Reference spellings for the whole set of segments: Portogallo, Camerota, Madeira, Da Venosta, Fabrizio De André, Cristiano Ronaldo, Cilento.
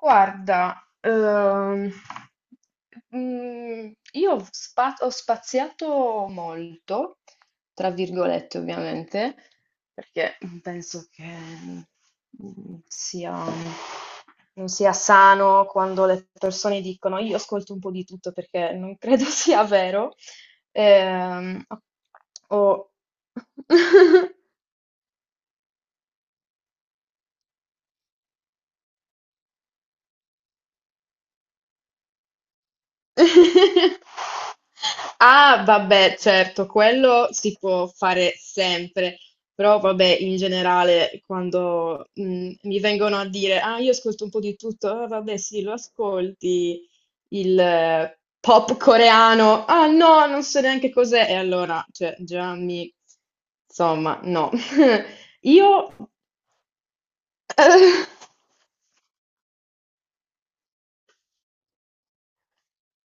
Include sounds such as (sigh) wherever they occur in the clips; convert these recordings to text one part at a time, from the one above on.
Guarda, io ho spaziato molto, tra virgolette ovviamente, perché penso che sia, non sia sano quando le persone dicono io ascolto un po' di tutto perché non credo (laughs) sia vero. Ehm, ho (laughs) (laughs) Ah, vabbè, certo, quello si può fare sempre, però vabbè, in generale, quando mi vengono a dire, ah, io ascolto un po' di tutto, ah, vabbè, sì, lo ascolti, il pop coreano, ah, no, non so neanche cos'è, e allora, cioè, già mi, insomma, no. (laughs) Io, (laughs)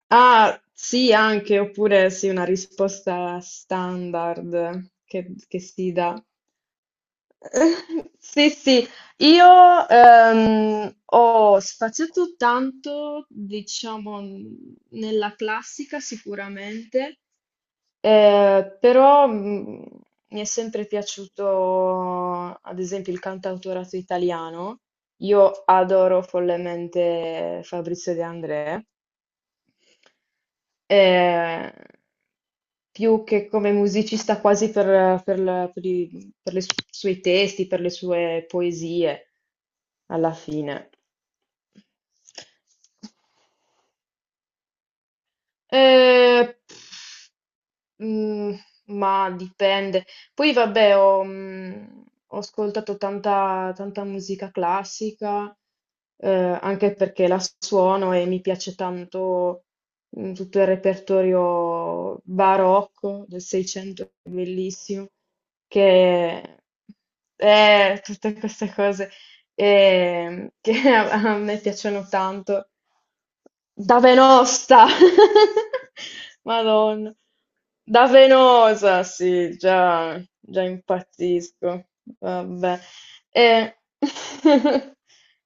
ah, sì, anche, oppure sì, una risposta standard che si dà. (laughs) Sì, sì, io ho spaziato tanto, diciamo, nella classica sicuramente, però mi è sempre piaciuto, ad esempio, il cantautorato italiano. Io adoro follemente Fabrizio De André, eh, più che come musicista quasi per, per i per le suoi testi, per le sue poesie, alla fine. Eh, Mm, ma dipende. Poi vabbè, ho, ho ascoltato tanta, tanta musica classica, eh, anche perché la suono e mi piace tanto. Tutto il repertorio barocco del Seicento, è bellissimo, che è tutte queste cose che (laughs) a me piacciono tanto. Da Venosta! (laughs) Madonna. Da Venosa, sì, già, già impazzisco. Vabbè. Eh, (laughs)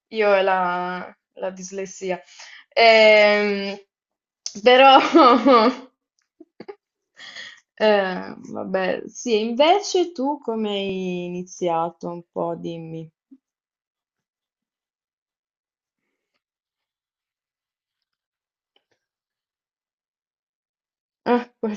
io e la, la dislessia. Ehm, però, (laughs) vabbè, sì, invece tu come hai iniziato? Un po', dimmi. Ah, quello.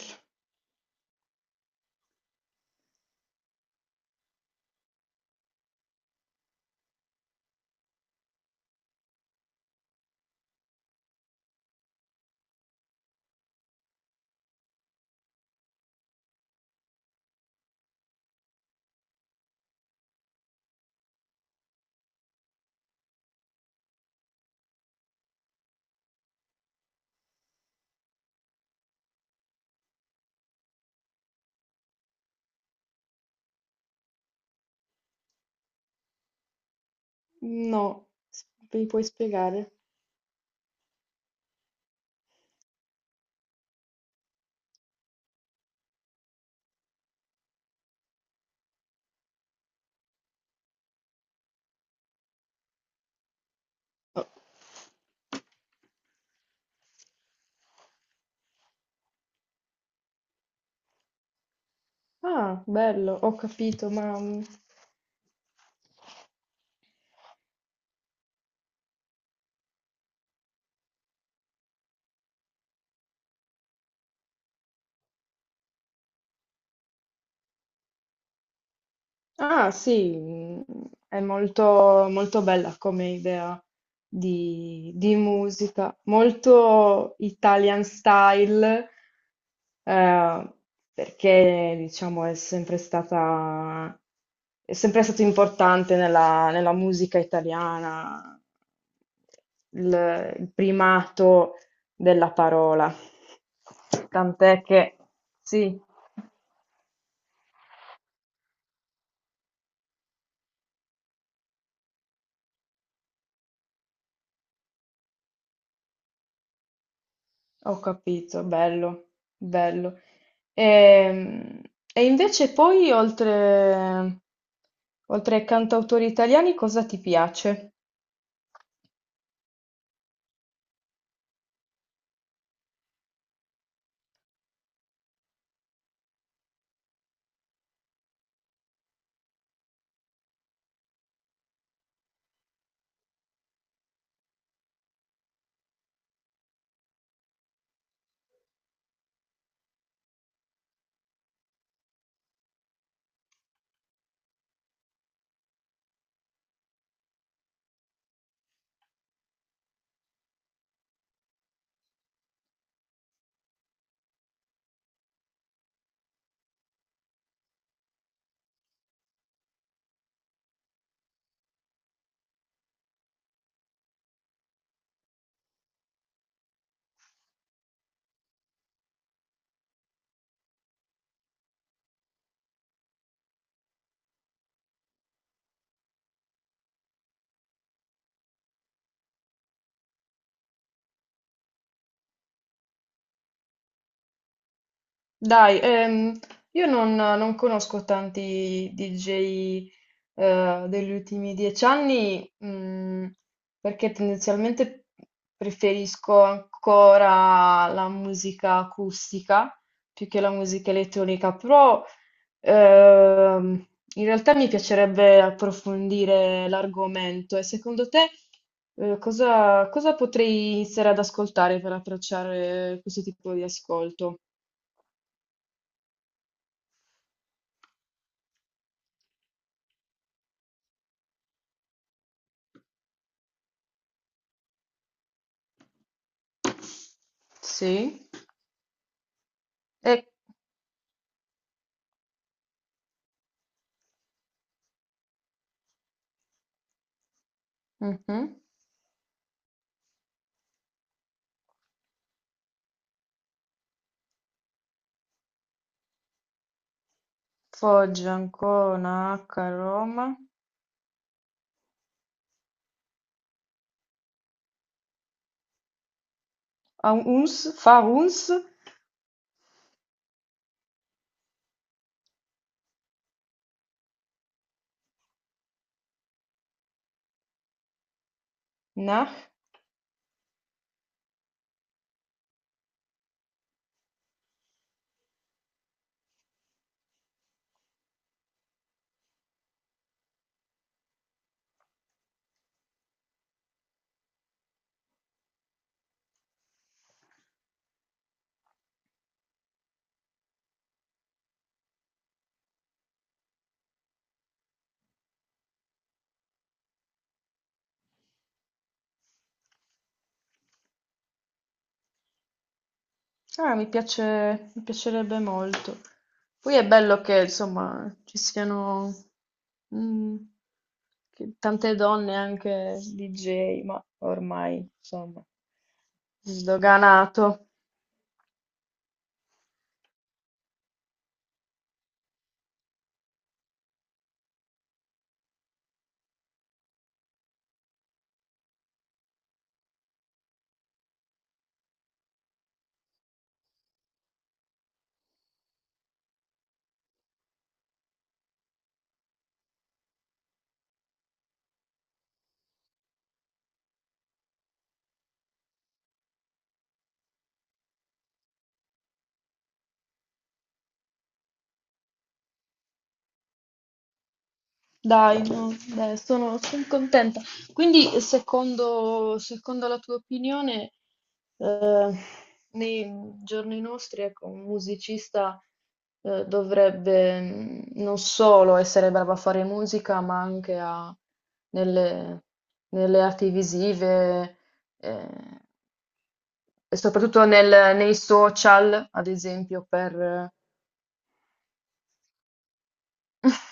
No, mi puoi spiegare? Oh. Ah, bello, ho capito, ma ah sì, è molto, molto bella come idea di musica, molto Italian style, eh, perché diciamo è sempre stata, è sempre stato importante nella, nella musica italiana il primato della parola. Tant'è che sì, ho capito, bello, bello. Ehm, E, invece poi, oltre, oltre ai cantautori italiani, cosa ti piace? Dai, io non, non conosco tanti DJ, degli ultimi 10 anni, perché tendenzialmente preferisco ancora la musica acustica più che la musica elettronica, però ehm, in realtà mi piacerebbe approfondire l'argomento e secondo te, cosa, cosa potrei iniziare ad ascoltare per approcciare questo tipo di ascolto? Sì, e mhm. Foggia, Ancona, Acca, Roma, a Uns, fa Uns, nah, ah, mi piace, mi piacerebbe molto. Poi è bello che, insomma, ci siano mm, tante donne anche DJ, ma ormai, insomma, sdoganato. Dai, no, dai, sono, son contenta. Quindi, secondo, secondo la tua opinione, eh, nei giorni nostri, ecco, un musicista, dovrebbe non solo essere bravo a fare musica, ma anche nelle, nelle arti visive, eh, e soprattutto nei social, ad esempio, per... (laughs)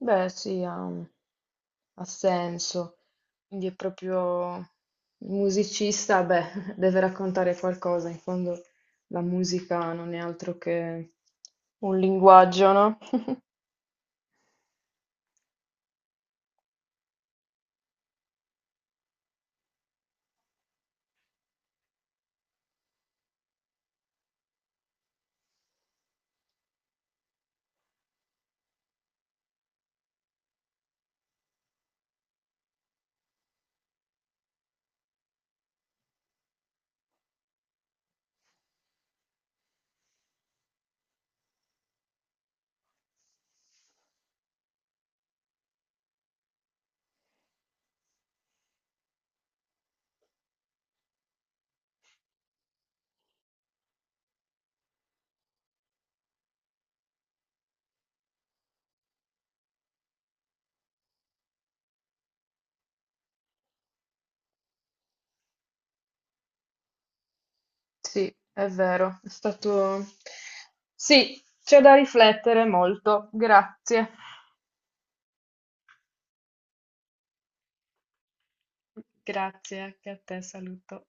Beh, sì, ha, ha senso. Quindi è proprio il musicista, beh, (laughs) deve raccontare qualcosa. In fondo la musica non è altro che un linguaggio, no? (laughs) Sì, è vero, è stato... Sì, c'è da riflettere molto. Grazie. Grazie, anche a te, saluto.